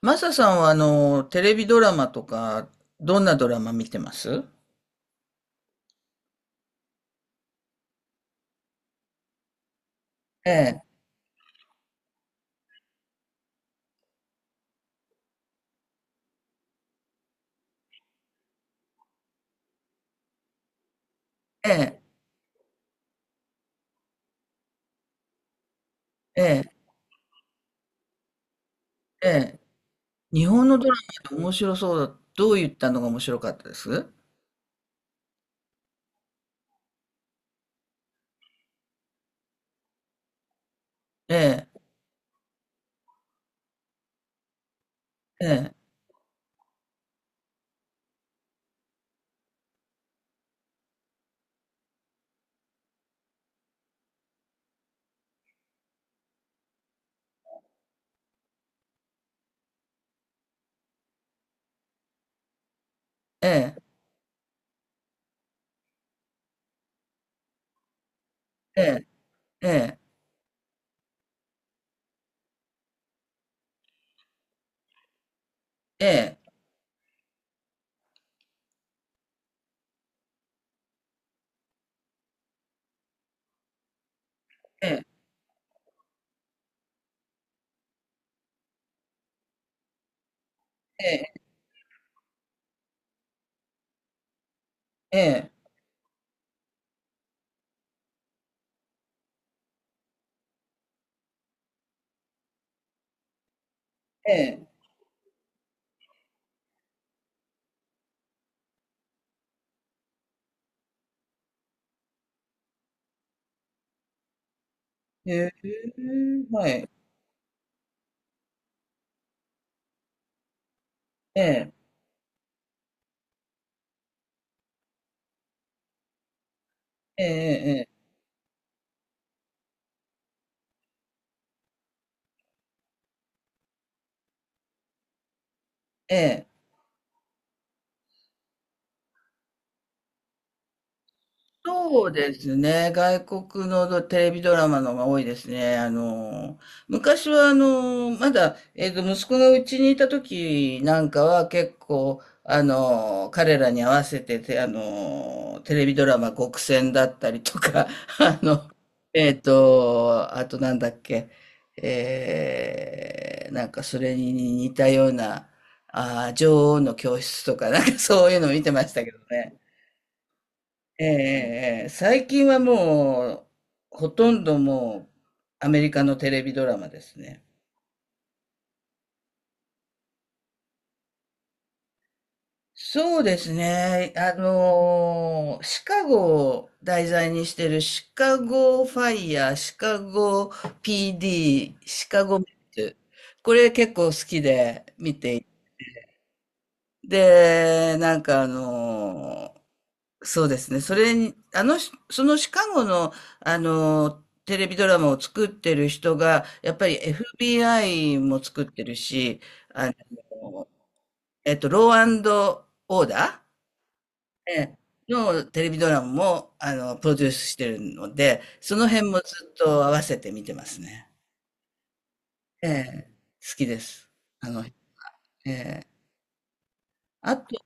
マサさんはテレビドラマとか、どんなドラマ見てます？ええ、ええ、ええ、ええ。日本のドラマって面白そうだ。どういったのが面白かったです？ええ、ええ、ええ、ええ、ええ、ええ、ええ、ええ、ええ、ええ、ええ、はい、ええ、ええ、ええ、ええ。そうですね。外国のテレビドラマのが多いですね。昔はまだ、息子がうちにいた時なんかは結構、彼らに合わせてて、テレビドラマ極戦だったりとか、あの、あとなんだっけ、なんかそれに似たような、女王の教室とか、なんかそういうの見てましたけどね。ええ、ええ、最近はもう、ほとんどもう、アメリカのテレビドラマですね。そうですね。シカゴを題材にしてるシカゴファイヤー、シカゴ PD、シカゴメッツ。これ結構好きで。で、なんかそうですね。それに、そのシカゴの、テレビドラマを作ってる人が、やっぱり FBI も作ってるし、あの、ローオーダー、ええのテレビドラマも、プロデュースしてるので、その辺もずっと合わせて見てますね。ええ、好きです。あの、ええ。あと、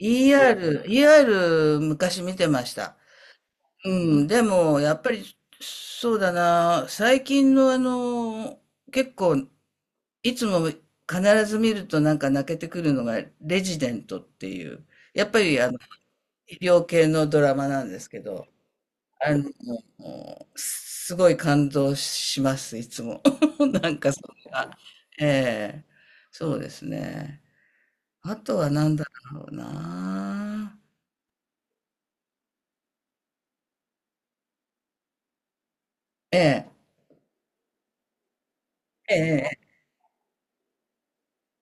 ER 昔見てました。うん、でも、やっぱり、そうだな、最近の結構、いつも必ず見るとなんか泣けてくるのが、レジデントっていう、やっぱり医療系のドラマなんですけど、あの、すごい感動します、いつも。なんかそれが、ええ、そうですね。あとは何だろうな。ええ、ええ、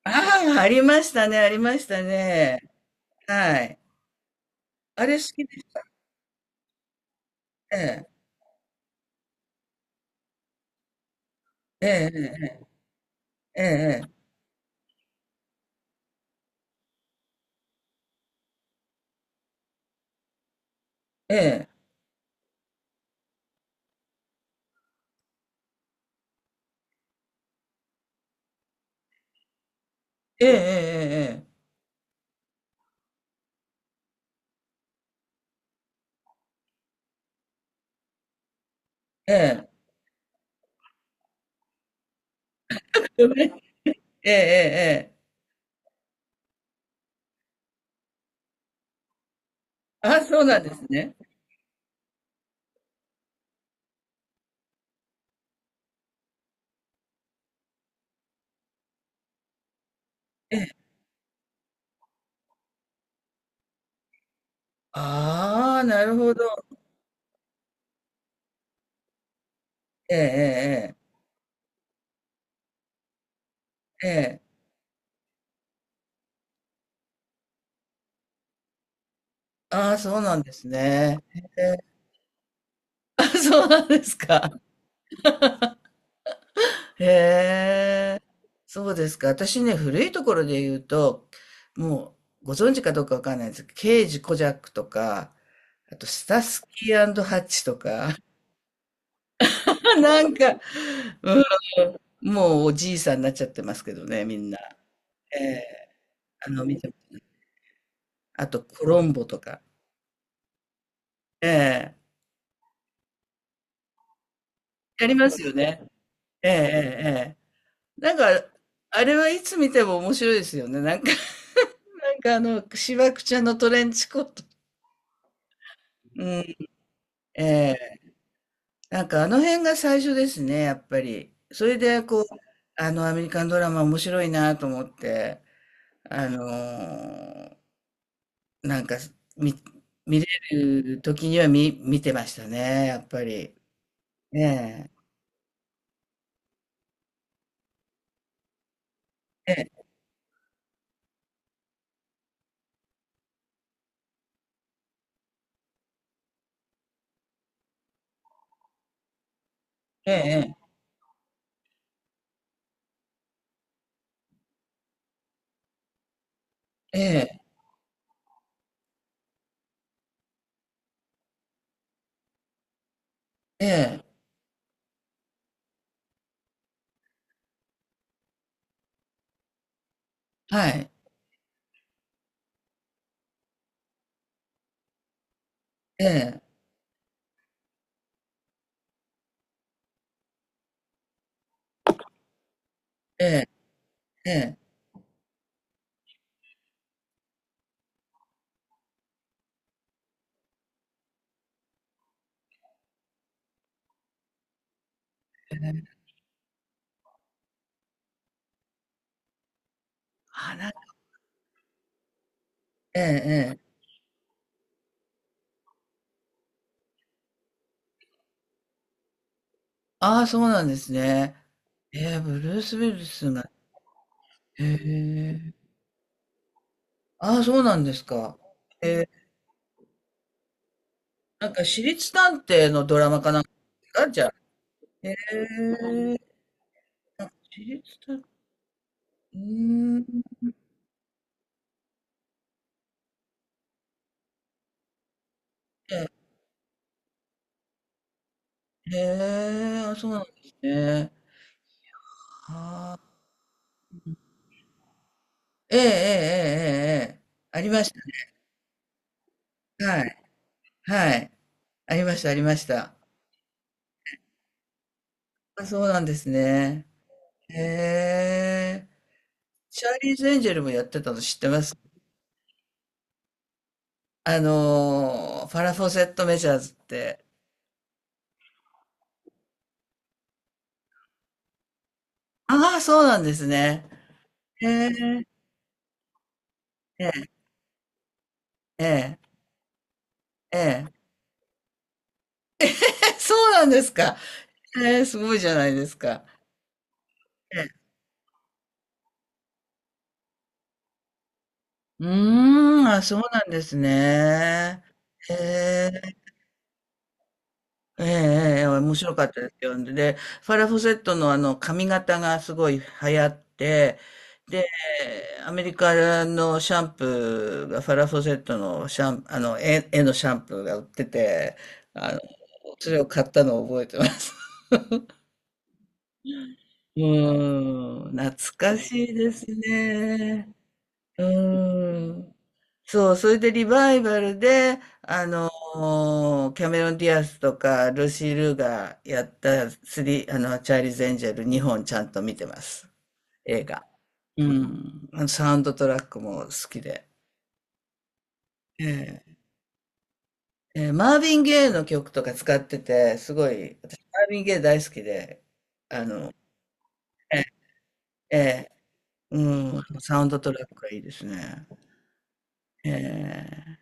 ああ、ありましたね、ありましたね。はい。あれ好きでした？ええ、ええ、ええ、ええ、ええ、ええ、ええ、ええ、ええ、ええ、ええ。あ、そうなんですね。ああ、なるほど。ええ、ええ、ええ、ああ、そうなんですね。ええ、あ、そうなんですか。へえ、そうですか。私ね、古いところで言うと、もうご存知かどうかわかんないですけど、刑ジ・コジャックとか、あとスタスキーハッチとか、なんか、うん、もうおじいさんになっちゃってますけどね、みんな。ええ、見て、あとコロンボとか。ええ、やりますよね。ええええええ。なんか、あれはいつ見ても面白いですよね。なんかしわくちゃんのトレンチコート。うん、ええ。なんかあの辺が最初ですね、やっぱり。それでこう、アメリカンドラマ面白いなと思って、あのーなんか、見見れる時には見てましたね、やっぱり。ええ。ええええええええええはい。ええええええ。あ、なんかええええ。ああ、そうなんですね。ええ、ブルース・ウィルスが、へえ。ああ、そうなんですか。ええ、なんか私立探偵のドラマかなんかですか、じゃあ。へえ、なんか私立探偵、うーん。へえ、あ、そうなんですね。ええええええええ。ありましたね。はい。はい。ありました、ありました。あ、そうなんですね。へえ。チャーリーズ・エンジェルもやってたの知ってます？ファラ・フォセット・メジャーズって。ああ、そうなんですね。へえ。ええええええ。え、そうなんですか。ええ、すごいじゃないですか。ええ。うーん、あ、そうなんですね。へえ。ええ、ええええ面白かったですよ。で、ファラ・フォセットのあの髪型がすごい流行って、で、アメリカのシャンプーが、ファラ・フォセットのシャン、あの、絵のシャンプーが売ってて、あの、それを買ったのを覚えてます。うーん、懐かしいですね。うーん。そう、それでリバイバルで、キャメロン・ディアスとか、ルーシー・ルーがやったスリ、チャーリーズ・エンジェル2本ちゃんと見てます。映画。うん。あのサウンドトラックも好きで。ええ、マーヴィン・ゲイの曲とか使ってて、すごい、私、マーヴィン・ゲイ大好きで、あの、ええ、ええ、うん、サウンドトラックがいいですね。ええ、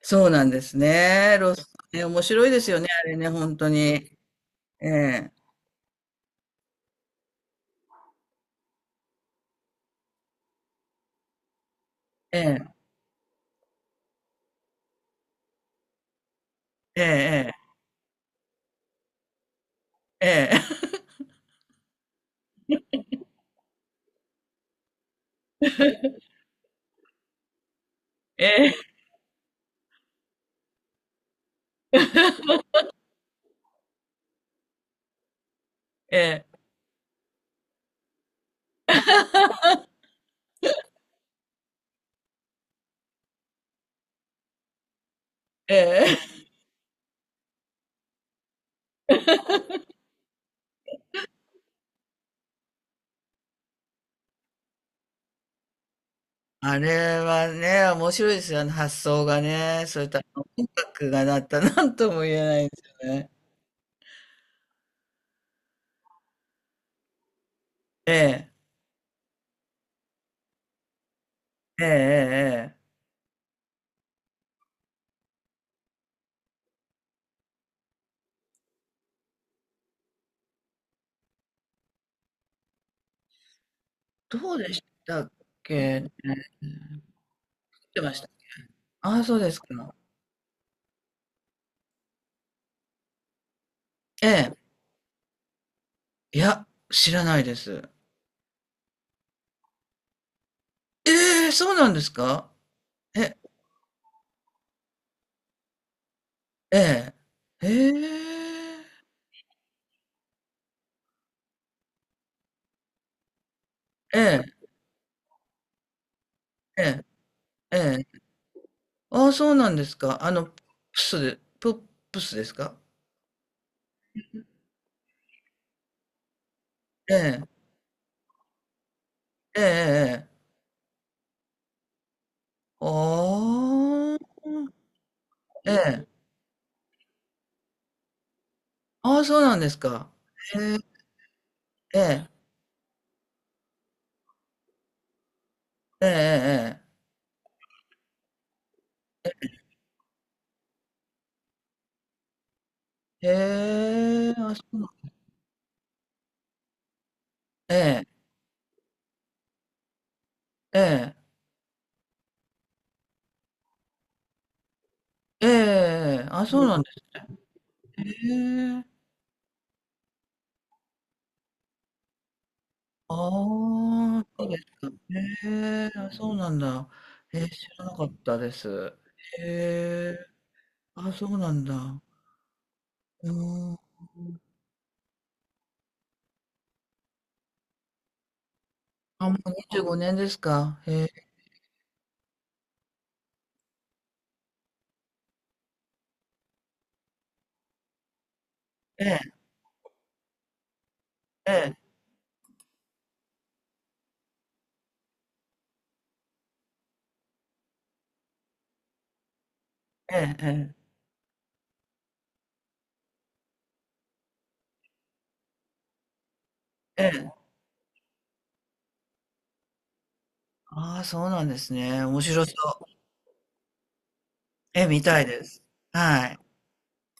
そうなんですね。ロス、ね、面白いですよね、あれね、本当に。ええ、ええ、ええ、ええ、ええ、ええ、ええ。あれはね、面白いですよね、発想がね。そういった音楽がなったなんとも言えないですよね。ええ、ええ、ええ、どうでしたっけね。見てました。ああ、そうですか。ええ。いや、知らないです。ええ、そうなんですか？え、ええ、ええ、ええ、ええ、ええ。ああ、そうなんですか。プスで、ププスですか？ええ、ええ、ええ。ああ、ええ。ああ、そうなんですか。へえ、ええ、ええ、ええ。へえ、あ、そうなん、ええ、ええ、ええ、あ、そうなんですね。へえ、ああ、そうですか。へえ、あ、そうなんだ。へえ、知らなかったです。へえ、あ、そうなんだ。うん。あ、もう25年ですか。へえ。ええ、ええ、ええええ、ええ。ああ、そうなんですね。面白そう。ええ、見たいです。はい。